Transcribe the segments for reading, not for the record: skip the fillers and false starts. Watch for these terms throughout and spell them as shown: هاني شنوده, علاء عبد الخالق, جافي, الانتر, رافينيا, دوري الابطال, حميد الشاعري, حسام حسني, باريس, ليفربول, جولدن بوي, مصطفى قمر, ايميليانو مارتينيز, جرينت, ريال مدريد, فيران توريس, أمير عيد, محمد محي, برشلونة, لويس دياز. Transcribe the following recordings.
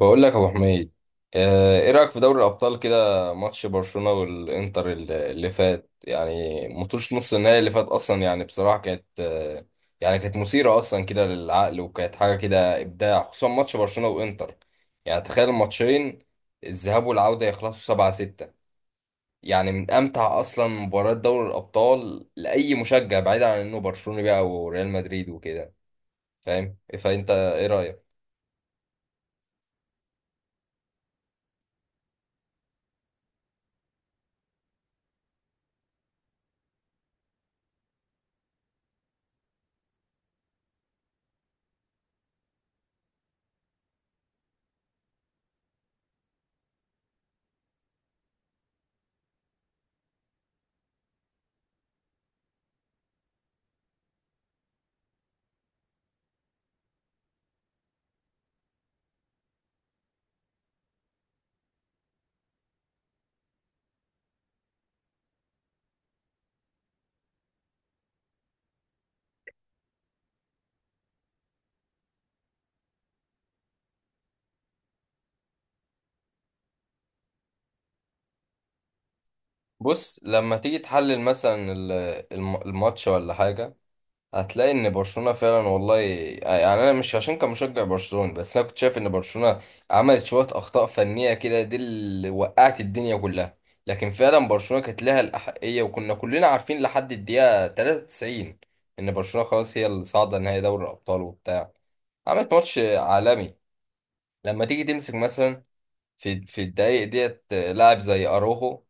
بقول لك يا ابو حميد. ايه رايك في دوري الابطال كده؟ ماتش برشلونه والانتر اللي فات، يعني ماتش نص النهائي اللي فات اصلا، يعني بصراحه كانت يعني كانت مثيره اصلا كده للعقل، وكانت حاجه كده ابداع، خصوصا ماتش برشلونه وانتر. يعني تخيل الماتشين، الذهاب والعوده يخلصوا 7-6. يعني من امتع اصلا مباريات دوري الابطال لاي مشجع، بعيدا عن انه برشلوني بقى وريال مدريد وكده. فاهم؟ فانت ايه رايك؟ بص لما تيجي تحلل مثلا الماتش ولا حاجة، هتلاقي ان برشلونة فعلا والله، يعني انا مش عشان كان مشجع برشلونة، بس انا كنت شايف ان برشلونة عملت شوية اخطاء فنية كده، دي اللي وقعت الدنيا كلها. لكن فعلا برشلونة كانت لها الأحقية، وكنا كلنا عارفين لحد الدقيقة 93 ان برشلونة خلاص هي اللي صاعدة نهائي دوري الأبطال وبتاع. عملت ماتش عالمي. لما تيجي تمسك مثلا في الدقايق ديت لاعب زي اروخو،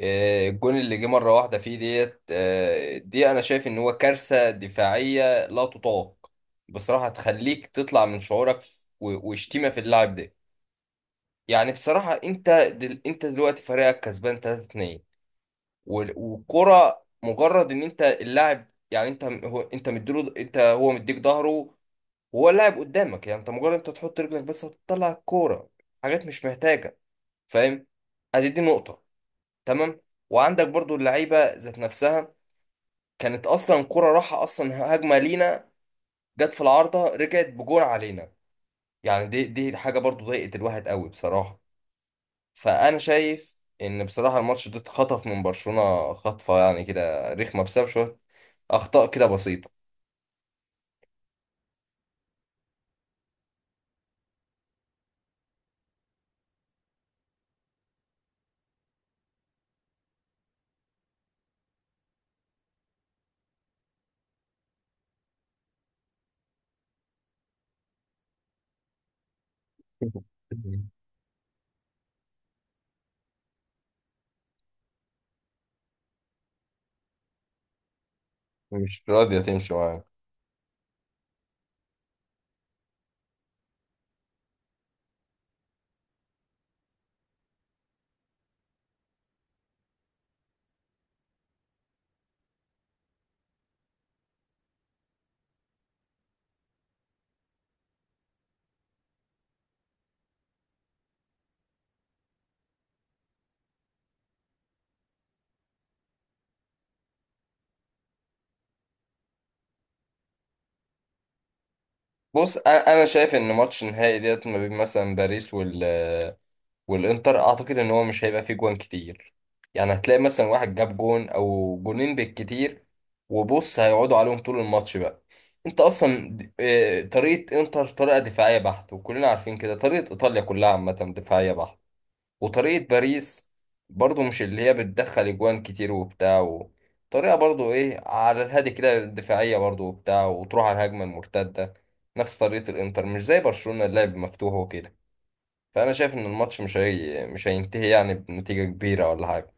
الجون اللي جه مرة واحدة فيه ديت، دي أنا شايف إن هو كارثة دفاعية لا تطاق بصراحة، تخليك تطلع من شعورك وشتيمة في اللاعب ده. يعني بصراحة أنت أنت دلوقتي فريقك كسبان 3-2، والكرة مجرد إن أنت اللاعب، يعني أنت هو أنت مديله، أنت هو مديك ظهره وهو اللاعب قدامك، يعني أنت مجرد أنت تحط رجلك بس هتطلع الكورة. حاجات مش محتاجة. فاهم؟ أدي دي نقطة. تمام. وعندك برضو اللعيبة ذات نفسها، كانت اصلا كرة راحة، اصلا هجمة لينا، جت في العارضة رجعت بجون علينا. يعني دي حاجة برضو ضايقت الواحد قوي بصراحة. فانا شايف ان بصراحة الماتش ده اتخطف من برشلونة خطفة، يعني كده رخمة، بسبب شوية اخطاء كده بسيطة. مش راضية تمشي معايا. بص أنا شايف ان ماتش النهائي ديت ما بين مثلا باريس والانتر، اعتقد ان هو مش هيبقى فيه جوان كتير. يعني هتلاقي مثلا واحد جاب جون او جونين بالكتير، وبص هيقعدوا عليهم طول الماتش بقى. انت اصلا طريقة انتر طريقة دفاعية بحتة، وكلنا عارفين كده طريقة ايطاليا كلها عامة دفاعية بحتة. وطريقة باريس برضو مش اللي هي بتدخل جوان كتير وبتاع طريقة برضو ايه على الهادي كده، دفاعية برضو وبتاع، وتروح على الهجمة المرتدة نفس طريقة الانتر، مش زي برشلونة اللعب مفتوح وكده. فانا شايف ان الماتش مش هينتهي يعني بنتيجة كبيرة ولا حاجة.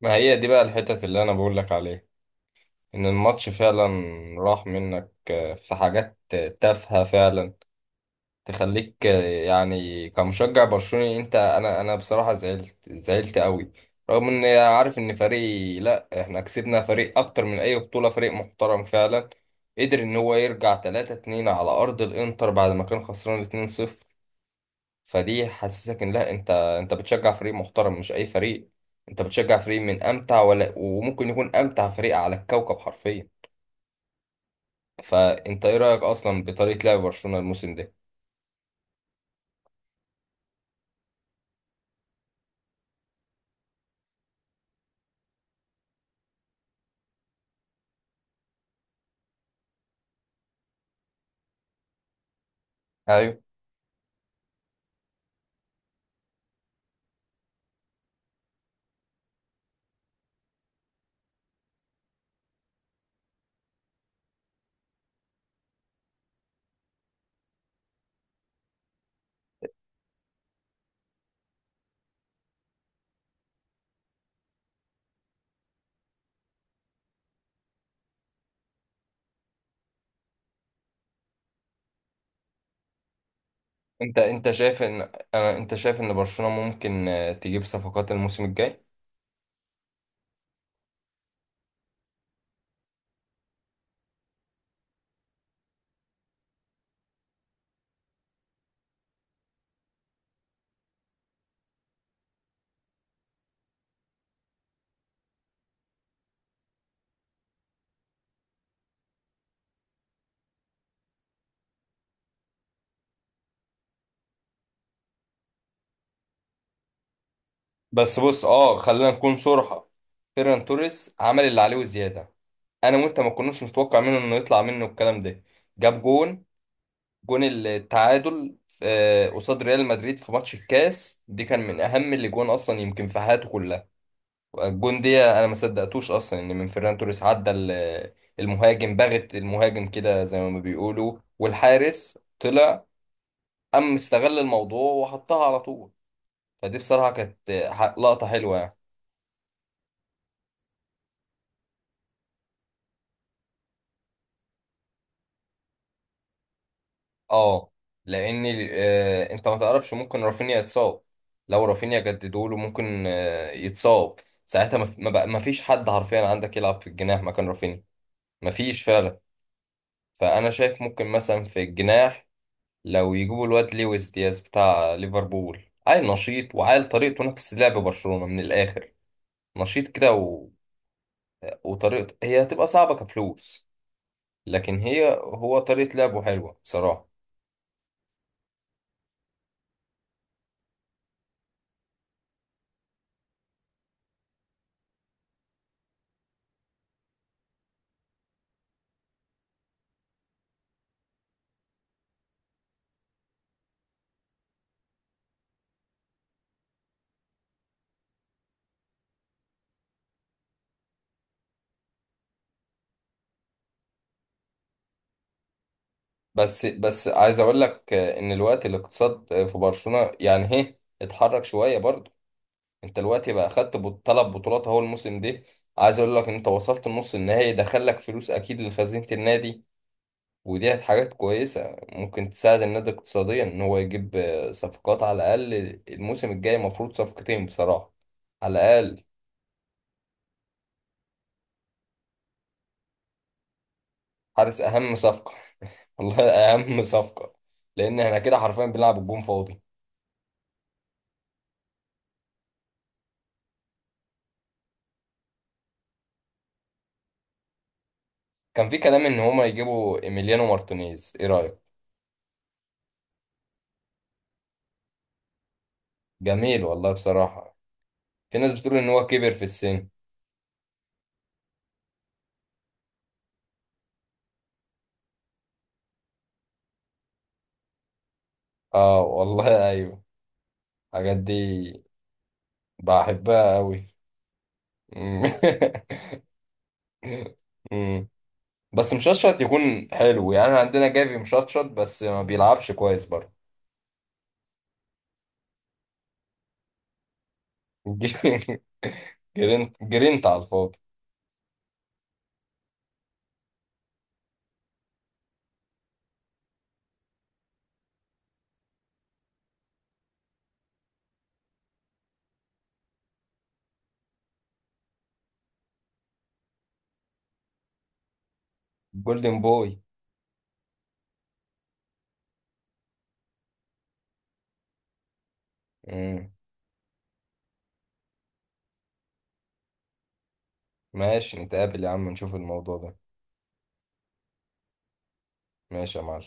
ما هي دي بقى الحتت اللي انا بقول لك عليها، ان الماتش فعلا راح منك، في حاجات تافهة فعلا تخليك، يعني كمشجع برشلوني، انت انا انا بصراحة زعلت، زعلت قوي، رغم ان عارف ان فريق لا احنا كسبنا فريق اكتر من اي بطولة، فريق محترم فعلا قدر ان هو يرجع 3-2 على ارض الانتر بعد ما كان خسران 2-0. فدي حسسك ان لا، انت بتشجع فريق محترم مش اي فريق، انت بتشجع فريق من امتع، ولا وممكن يكون امتع فريق على الكوكب حرفيا. فانت ايه رايك اصلا بطريقه لعب برشلونه الموسم ده؟ ايوه. انت انت شايف ان انت شايف ان برشلونه ممكن تجيب صفقات الموسم الجاي؟ بس بص اه، خلينا نكون صراحه، فيران توريس عمل اللي عليه وزياده. انا وانت ما كناش نتوقع منه انه يطلع منه الكلام ده. جاب جون، جون التعادل قصاد ريال مدريد في ماتش الكاس دي، كان من اهم الاجوان اصلا يمكن في حياته كلها. الجون دي انا ما صدقتوش اصلا، ان من فيران توريس عدى المهاجم، بغت المهاجم كده زي ما بيقولوا، والحارس طلع، قام استغل الموضوع وحطها على طول. فدي بصراحة كانت لقطة حلوة يعني. اه، لان انت ما تعرفش، ممكن رافينيا يتصاب. لو رافينيا جددوا له، ممكن آه يتصاب، ساعتها ما في- ما بقى- ما فيش حد حرفيا عندك يلعب في الجناح مكان رافينيا، ما فيش فعلا. فانا شايف ممكن مثلا في الجناح لو يجيبوا الواد لويس دياز بتاع ليفربول، عيل نشيط، وعيل طريقته نفس لعب برشلونة من الاخر، نشيط كده وطريقته هي هتبقى صعبة كفلوس، لكن هو طريقة لعبه حلوة بصراحة. بس عايز اقول لك ان الوقت الاقتصاد في برشلونة يعني هي اتحرك شوية برضو. انت الوقت بقى خدت 3 بطولات اهو الموسم ده. عايز اقول لك ان انت وصلت النص النهائي، دخلك فلوس اكيد لخزينة النادي، ودي حاجات كويسة ممكن تساعد النادي اقتصاديا ان هو يجيب صفقات على الاقل. الموسم الجاي مفروض صفقتين بصراحة، على الاقل. حارس اهم صفقة. والله اهم صفقة، لان احنا كده حرفيا بنلعب الجون فاضي. كان في كلام ان هما يجيبوا ايميليانو مارتينيز، ايه رأيك؟ جميل والله بصراحة. في ناس بتقول ان هو كبر في السن. اه والله. ايوه، الحاجات دي بحبها قوي. أمم. بس مشطشط يكون حلو يعني، أنا عندنا جافي مشطشط بس ما بيلعبش كويس برضه. جرينت على الفاضي. جولدن بوي. أمم. ماشي نتقابل يا عم، نشوف الموضوع ده. ماشي يا معلم.